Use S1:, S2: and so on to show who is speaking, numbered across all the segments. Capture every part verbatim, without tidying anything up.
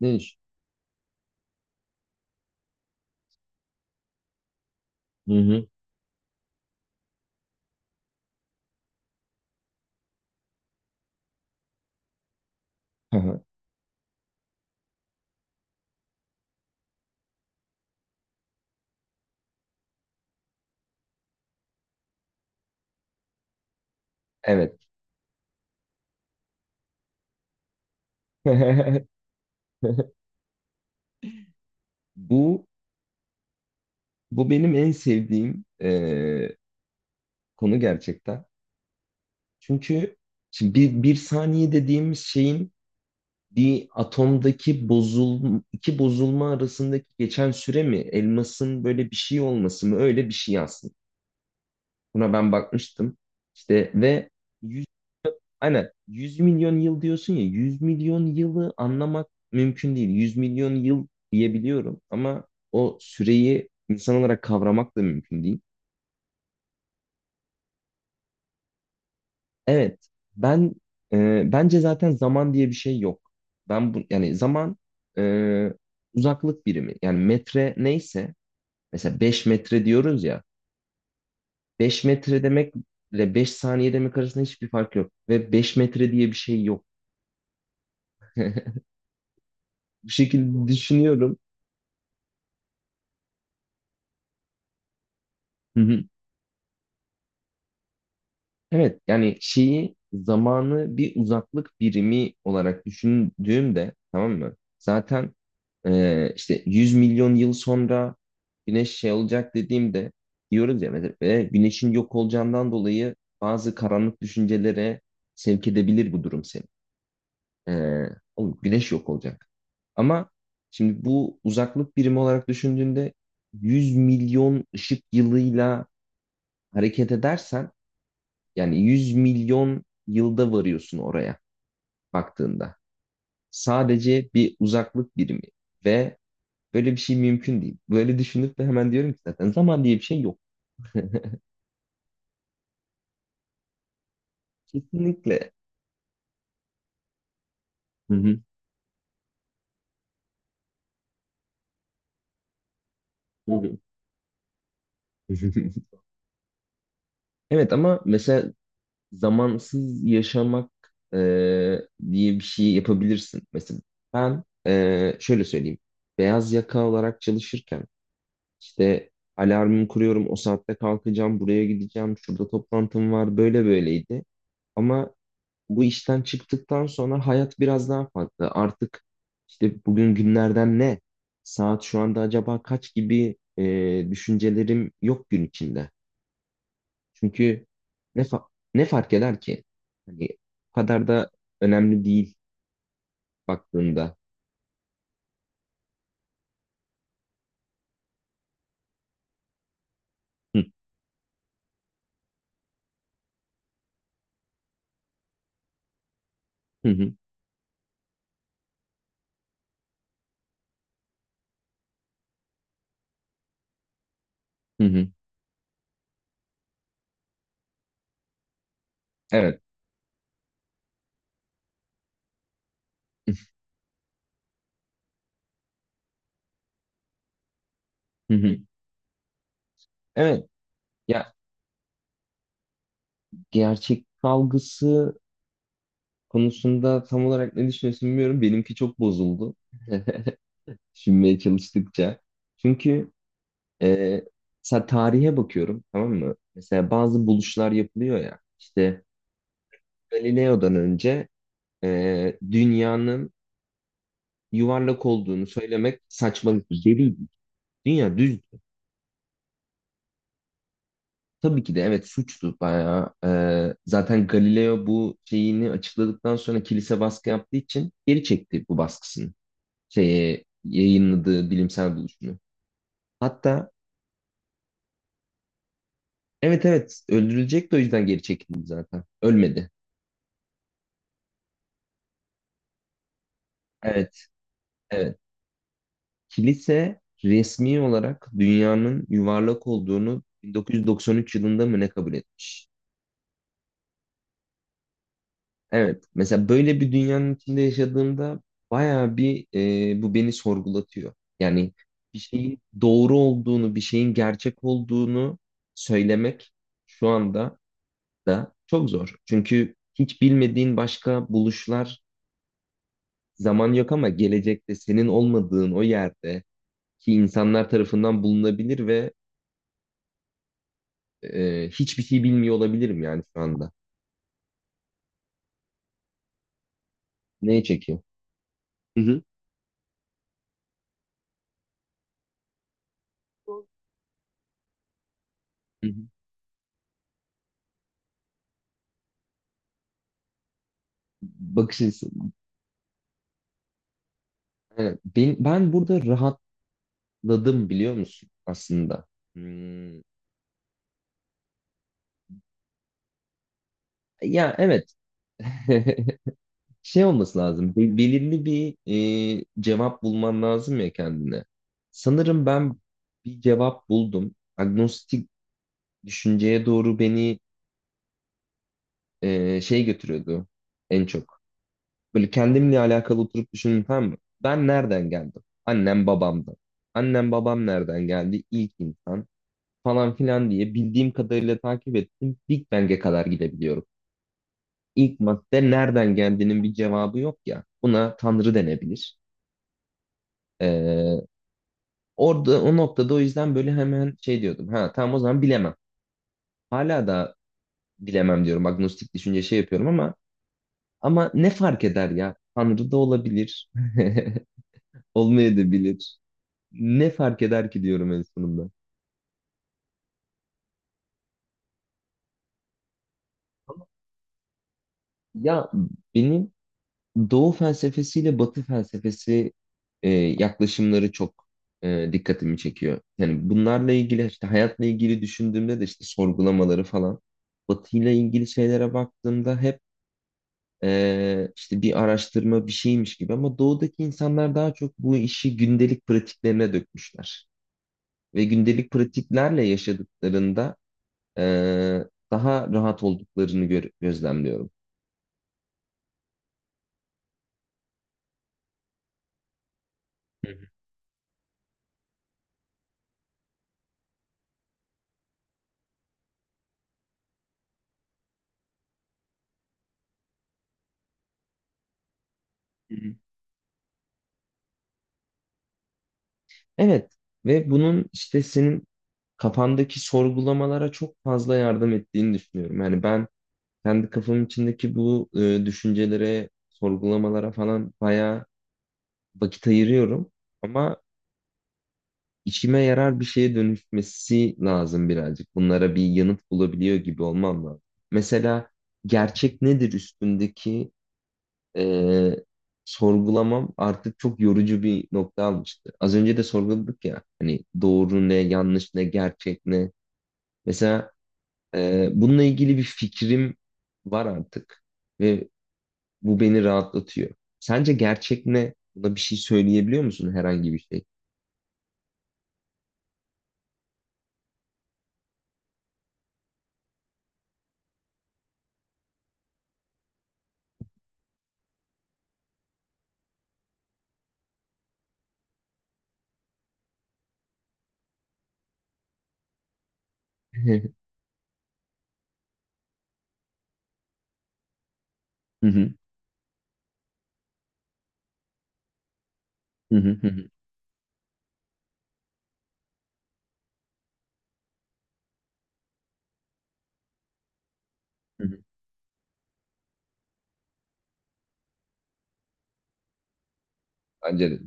S1: Ne? Hı hı. Evet. Bu bu benim en sevdiğim eee, konu gerçekten. Çünkü şimdi bir, bir saniye dediğimiz şeyin bir atomdaki bozul iki bozulma arasındaki geçen süre mi, elmasın böyle bir şey olması mı, öyle bir şey aslında. Buna ben bakmıştım. İşte ve aynen yüz milyon yıl diyorsun ya, yüz milyon yılı anlamak mümkün değil. yüz milyon yıl diyebiliyorum ama o süreyi insan olarak kavramak da mümkün değil. Evet. Ben, e, bence zaten zaman diye bir şey yok. Ben bu, yani zaman, e, uzaklık birimi, yani metre neyse, mesela beş metre diyoruz ya, beş metre demekle beş saniye demek arasında hiçbir fark yok ve beş metre diye bir şey yok. Bu şekilde düşünüyorum. Evet, yani şeyi zamanı bir uzaklık birimi olarak düşündüğümde, tamam mı? Zaten, e, işte yüz milyon yıl sonra güneş şey olacak dediğimde, diyoruz ya mesela, "E, Güneşin yok olacağından dolayı bazı karanlık düşüncelere sevk edebilir bu durum seni. E, Oğlum, güneş yok olacak." Ama şimdi bu uzaklık birimi olarak düşündüğünde, yüz milyon ışık yılıyla hareket edersen, yani yüz milyon yılda varıyorsun oraya baktığında. Sadece bir uzaklık birimi, ve böyle bir şey mümkün değil. Böyle düşünüp de hemen diyorum ki zaten zaman diye bir şey yok. Kesinlikle. Hı hı. Tabii. Evet, ama mesela zamansız yaşamak e, diye bir şey yapabilirsin. Mesela ben, e, şöyle söyleyeyim. Beyaz yaka olarak çalışırken, İşte alarmımı kuruyorum, o saatte kalkacağım, buraya gideceğim, şurada toplantım var, böyle böyleydi. Ama bu işten çıktıktan sonra hayat biraz daha farklı. Artık, işte, bugün günlerden ne, saat şu anda acaba kaç gibi e, düşüncelerim yok gün içinde. Çünkü ne, fa- ne fark eder ki? Hani o kadar da önemli değil baktığında. Hı hı, hı hı. Hı. Evet. Hı hı. Evet. Ya, gerçek algısı konusunda tam olarak ne düşünüyorsun bilmiyorum. Benimki çok bozuldu. Düşünmeye çalıştıkça. Çünkü e, mesela tarihe bakıyorum, tamam mı? Mesela bazı buluşlar yapılıyor ya. İşte Galileo'dan önce e, dünyanın yuvarlak olduğunu söylemek saçmalık. Deliydi. Dünya düzdü. Tabii ki de, evet, suçtu bayağı. E, zaten Galileo bu şeyini açıkladıktan sonra, kilise baskı yaptığı için geri çekti bu baskısını. Şeye, yayınladığı bilimsel buluşunu. Hatta, evet evet, öldürülecek de o yüzden geri çekildi zaten. Ölmedi. Evet evet. Kilise resmi olarak dünyanın yuvarlak olduğunu bin dokuz yüz doksan üç yılında mı ne kabul etmiş? Evet. Mesela böyle bir dünyanın içinde yaşadığımda bayağı bir, e, bu beni sorgulatıyor. Yani bir şeyin doğru olduğunu, bir şeyin gerçek olduğunu söylemek şu anda da çok zor. Çünkü hiç bilmediğin başka buluşlar, zaman yok ama gelecekte senin olmadığın o yerde ki, insanlar tarafından bulunabilir, ve e, hiçbir şey bilmiyor olabilirim yani şu anda. Neye çekiyor? Hı hı. Hı hı. Bakış açısı. Aynen. Ben, ben burada rahatladım, biliyor musun aslında? Hmm. Ya, evet. Şey olması lazım. be- Belirli bir e, cevap bulman lazım ya kendine. Sanırım ben bir cevap buldum. Agnostik düşünceye doğru beni e, şey götürüyordu en çok. Böyle kendimle alakalı oturup düşündüm, tamam mı? Ben nereden geldim? Annem babamdan. Annem babam nereden geldi? İlk insan falan filan diye, bildiğim kadarıyla takip ettim. Big Bang'e kadar gidebiliyorum. İlk madde nereden geldiğinin bir cevabı yok ya. Buna Tanrı denebilir. Ee, Orada, o noktada, o yüzden böyle hemen şey diyordum. Ha, tamam, o zaman bilemem. Hala da bilemem diyorum. Agnostik düşünce şey yapıyorum, ama ama ne fark eder ya? Tanrı da olabilir. Olmayabilir. Ne fark eder ki diyorum en sonunda. Ya, benim Doğu felsefesiyle Batı felsefesi, e, yaklaşımları çok e, dikkatimi çekiyor. Yani bunlarla ilgili, işte, hayatla ilgili düşündüğümde de, işte, sorgulamaları falan. Batı'yla ilgili şeylere baktığımda hep, e, işte, bir araştırma bir şeymiş gibi, ama doğudaki insanlar daha çok bu işi gündelik pratiklerine dökmüşler. Ve gündelik pratiklerle yaşadıklarında, e, daha rahat olduklarını gör- gözlemliyorum. Hı hı. Evet, ve bunun işte senin kafandaki sorgulamalara çok fazla yardım ettiğini düşünüyorum. Yani ben, kendi kafamın içindeki bu e, düşüncelere, sorgulamalara falan bayağı vakit ayırıyorum. Ama işime yarar bir şeye dönüşmesi lazım birazcık. Bunlara bir yanıt bulabiliyor gibi olmam lazım. Mesela gerçek nedir üstündeki e, sorgulamam artık çok yorucu bir nokta almıştı. Az önce de sorguladık ya hani, doğru ne, yanlış ne, gerçek ne. Mesela e, bununla ilgili bir fikrim var artık, ve bu beni rahatlatıyor. Sence gerçek ne? Buna bir şey söyleyebiliyor musun, herhangi bir şey? Hı hı, hı hı, hı hı, hı hı. Bence de.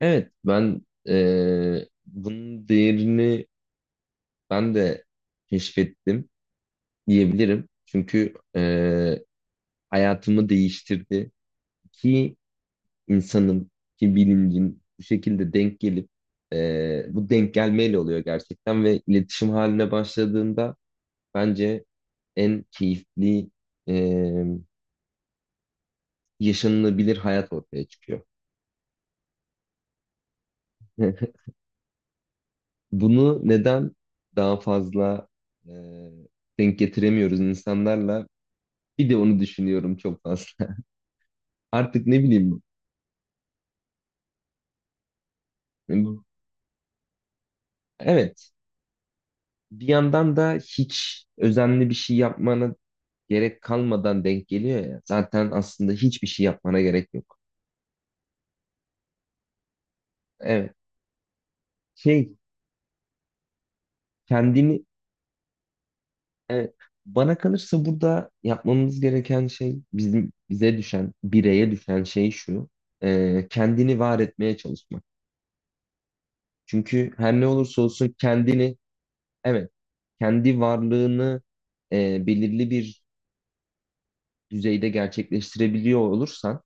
S1: Evet, ben e, bunun değerini ben de keşfettim diyebilirim. Çünkü hayatımı değiştirdi. Ki insanın, ki bilincin bu şekilde denk gelip, e, bu denk gelmeyle oluyor gerçekten, ve iletişim haline başladığında bence en keyifli, e, yaşanılabilir hayat ortaya çıkıyor. Bunu neden daha fazla e, denk getiremiyoruz insanlarla? Bir de onu düşünüyorum çok fazla. Artık ne bileyim. Evet. Bir yandan da hiç özenli bir şey yapmana gerek kalmadan denk geliyor ya. Zaten aslında hiçbir şey yapmana gerek yok. Evet. Şey, kendini, evet, bana kalırsa burada yapmamız gereken şey, bizim, bize düşen, bireye düşen şey şu. E, kendini var etmeye çalışmak. Çünkü her ne olursa olsun kendini, evet, kendi varlığını e, belirli bir düzeyde gerçekleştirebiliyor olursan,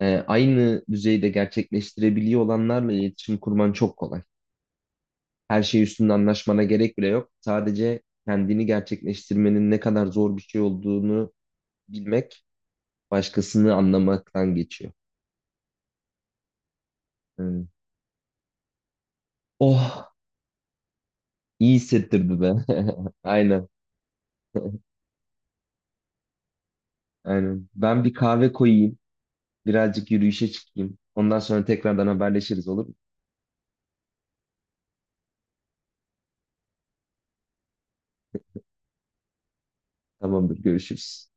S1: e, aynı düzeyde gerçekleştirebiliyor olanlarla iletişim kurman çok kolay. Her şey üstünde anlaşmana gerek bile yok. Sadece kendini gerçekleştirmenin ne kadar zor bir şey olduğunu bilmek, başkasını anlamaktan geçiyor. Hmm. Oh, iyi hissettirdi be. Aynen. Aynen. Ben bir kahve koyayım, birazcık yürüyüşe çıkayım. Ondan sonra tekrardan haberleşiriz, olur mu? Tamamdır, görüşürüz.